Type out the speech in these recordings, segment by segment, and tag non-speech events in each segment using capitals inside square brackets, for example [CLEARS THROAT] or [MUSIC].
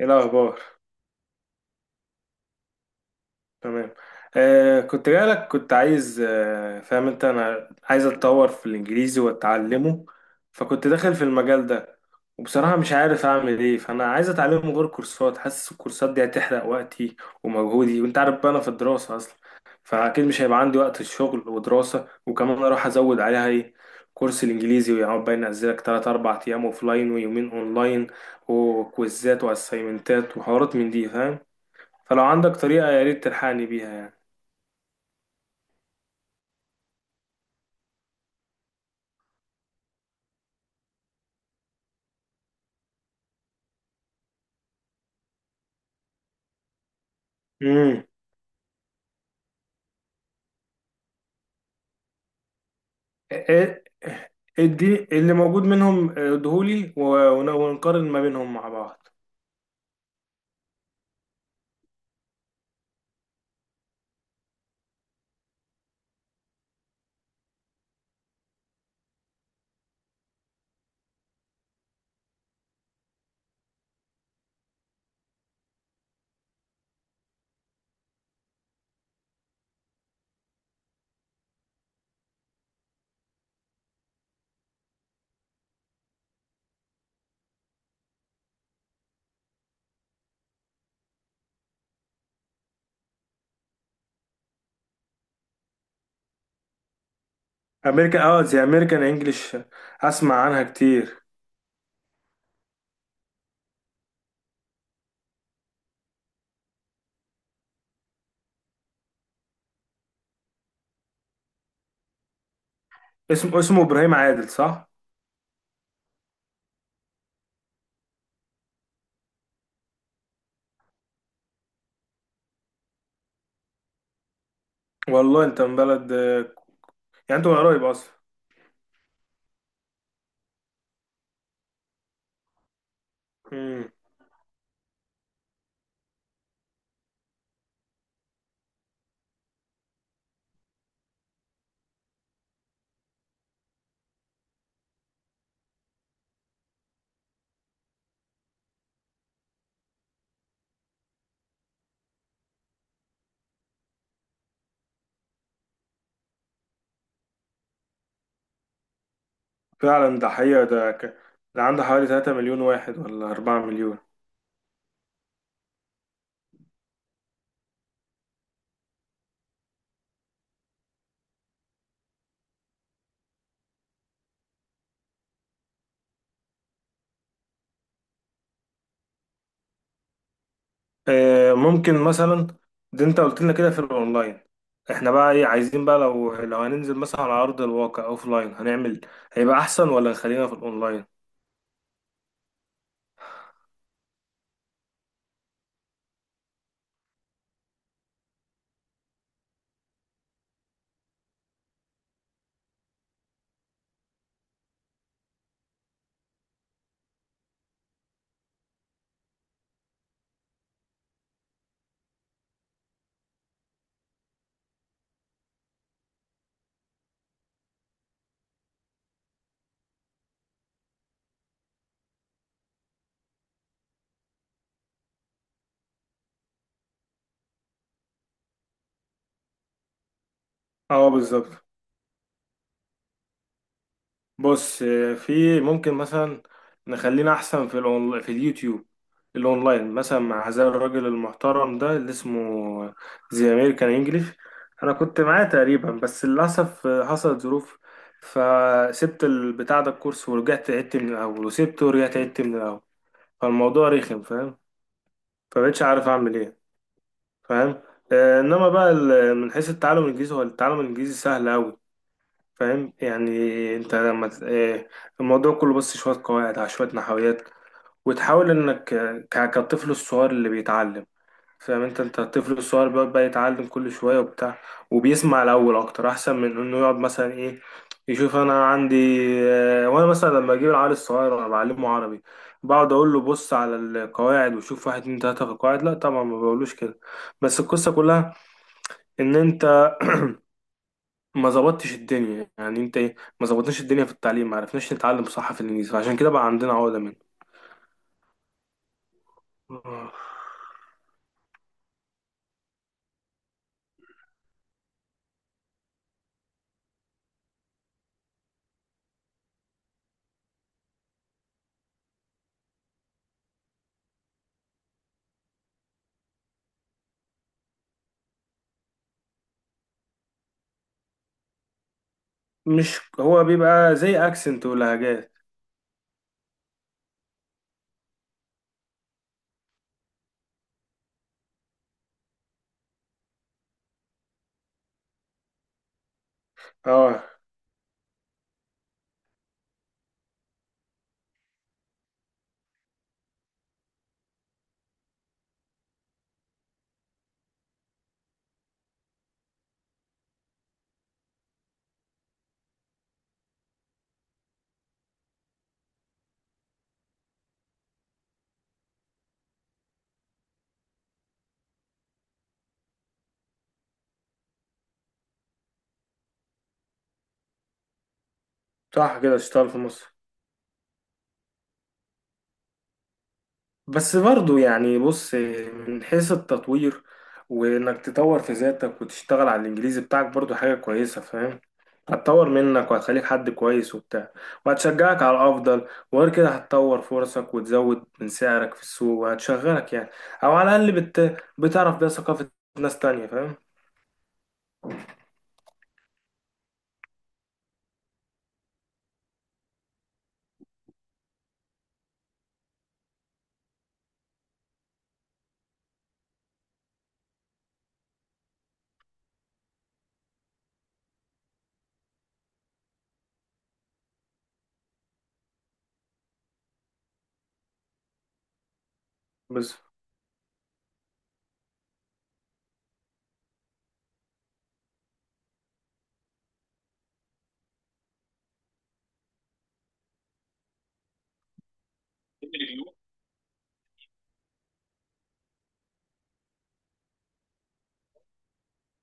ايه الاخبار؟ تمام. كنت جايلك، كنت عايز. فاهم انت؟ انا عايز اتطور في الانجليزي واتعلمه، فكنت داخل في المجال ده. وبصراحة مش عارف اعمل ايه، فانا عايز اتعلمه غير كورسات. حاسس الكورسات دي هتحرق وقتي ومجهودي، وانت عارف بقى انا في الدراسة اصلا، فاكيد مش هيبقى عندي وقت الشغل ودراسة، وكمان اروح ازود عليها ايه، كورس الانجليزي، ويقعد بقى ينزلك 3 4 ايام اوفلاين ويومين اونلاين وكويزات واسايمنتات وحوارات من دي، فاهم؟ فلو عندك طريقة يا ريت تلحقني بيها يعني. امم إيه- ادي اللي موجود منهم ادهولي ونقارن ما بينهم مع بعض. امريكان اه زي امريكان انجلش، اسمع عنها كتير. اسمه ابراهيم عادل، صح؟ والله، انت من بلد؟ يعني انت من قريب اصلا. امم فعلا ده حقيقة. ده عنده حوالي 3 مليون واحد ولا 4 مليون؟ ممكن مثلا، ده انت قلت لنا كده في الاونلاين، احنا بقى ايه عايزين بقى، لو هننزل مثلا على ارض الواقع اوف لاين هنعمل، هيبقى احسن ولا نخلينا في الاونلاين؟ اه، بالظبط. بص، في، ممكن مثلا نخلينا احسن في في اليوتيوب، الاونلاين، مثلا مع هذا الراجل المحترم ده اللي اسمه زي امريكان انجليش. انا كنت معاه تقريبا، بس للاسف حصلت ظروف، فسبت البتاع ده الكورس، ورجعت عدت من الاول، وسبته ورجعت عدت من الاول، فالموضوع رخم، فاهم؟ فمبقتش عارف اعمل ايه، فاهم؟ انما بقى من حيث التعلم الانجليزي، هو التعلم الانجليزي سهل قوي، فاهم يعني؟ انت لما الموضوع كله بس شويه قواعد على شويه نحويات، وتحاول انك، كالطفل الصغير اللي بيتعلم. فاهم انت الطفل الصغير بيقعد بقى يتعلم كل شوية وبتاع، وبيسمع الأول أكتر، أحسن من إنه يقعد مثلا إيه، يشوف أنا عندي، اه، وأنا مثلا لما أجيب العيال الصغير، أنا بعلمه عربي، بقعد أقول له بص على القواعد وشوف واحد اتنين تلاتة في القواعد؟ لا طبعا، ما بقولوش كده. بس القصة كلها إن أنت ما ظبطتش الدنيا، يعني أنت إيه، ما ظبطناش الدنيا في التعليم، ما عرفناش نتعلم صح في الإنجليزي، عشان كده بقى عندنا عقدة منه. اه. مش هو بيبقى زي أكسنت ولهجات؟ اه، صح كده، اشتغل في مصر. بس برضو يعني، بص، من حيث التطوير، وانك تطور في ذاتك وتشتغل على الانجليزي بتاعك، برضو حاجة كويسة، فاهم؟ هتطور منك، وهتخليك حد كويس وبتاع، وهتشجعك على الافضل، وغير كده هتطور فرصك، وتزود من سعرك في السوق وهتشغلك يعني. او على الاقل بتعرف بيها ثقافة ناس تانية، فاهم؟ بس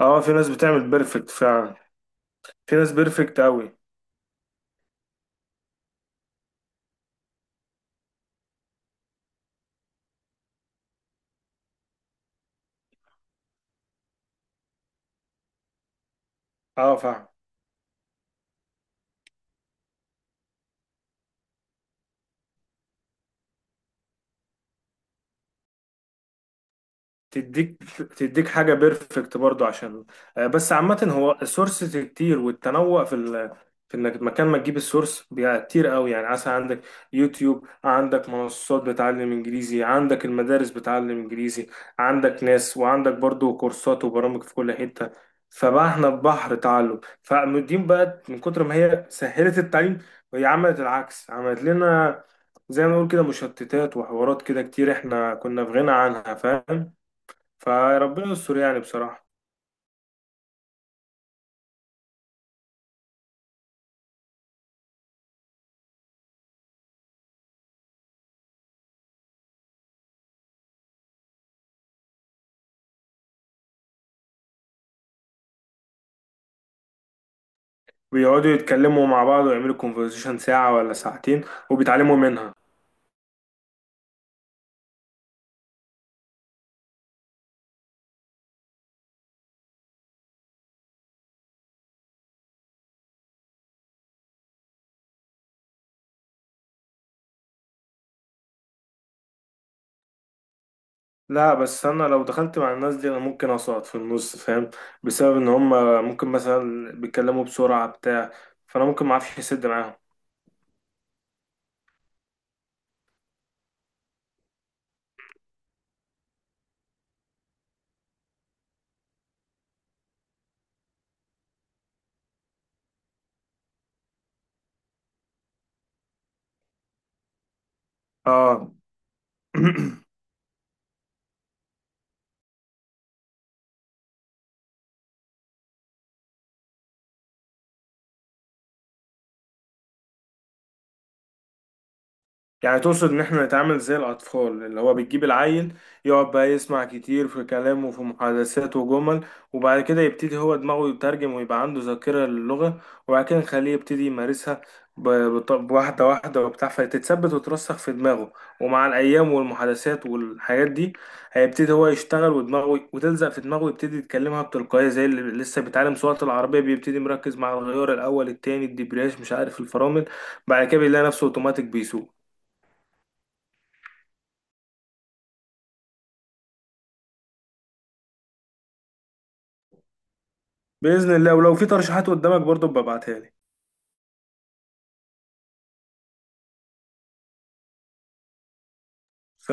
اه في ناس بتعمل بيرفكت فعلا، في ناس بيرفكت قوي. اه، فاهم. تديك تديك حاجة بيرفكت برضو عشان، بس عامة هو السورسز كتير، والتنوع في في انك مكان ما تجيب السورس بيبقى كتير قوي، يعني عسى عندك يوتيوب، عندك منصات بتعلم انجليزي، عندك المدارس بتعلم انجليزي، عندك ناس، وعندك برضو كورسات وبرامج في كل حتة. فبقى احنا في بحر تعلم، فالدين بقى من كتر ما هي سهلت التعليم وهي عملت العكس، عملت لنا زي ما نقول كده مشتتات وحوارات كده كتير احنا كنا في غنى عنها، فاهم؟ فربنا يستر يعني، بصراحة. بيقعدوا يتكلموا مع بعض ويعملوا كونفرزيشن ساعة ولا ساعتين، وبيتعلموا منها. لا، بس أنا لو دخلت مع الناس دي أنا ممكن أسقط في النص، فاهم؟ بسبب إن هما ممكن مثلا بيتكلموا بسرعة بتاع، فأنا ممكن معرفش أسد معاهم. اه. [CLEARS THROAT] يعني تقصد ان احنا نتعامل زي الاطفال، اللي هو بتجيب العيل، يقعد بقى يسمع كتير في كلامه وفي محادثات وجمل، وبعد كده يبتدي هو دماغه يترجم ويبقى عنده ذاكرة للغة، وبعد كده نخليه يبتدي يمارسها، بواحدة واحدة وبتاع، فتتثبت وترسخ في دماغه، ومع الأيام والمحادثات والحاجات دي، هيبتدي هو يشتغل ودماغه وتلزق في دماغه، ويبتدي يتكلمها بتلقائية، زي اللي لسه بيتعلم سواقة العربية، بيبتدي مركز مع الغيار الأول التاني الدبرياج مش عارف الفرامل، بعد كده بيلاقي نفسه اوتوماتيك بيسوق. باذن الله، ولو في ترشيحات قدامك برضو ببعتها لي. ف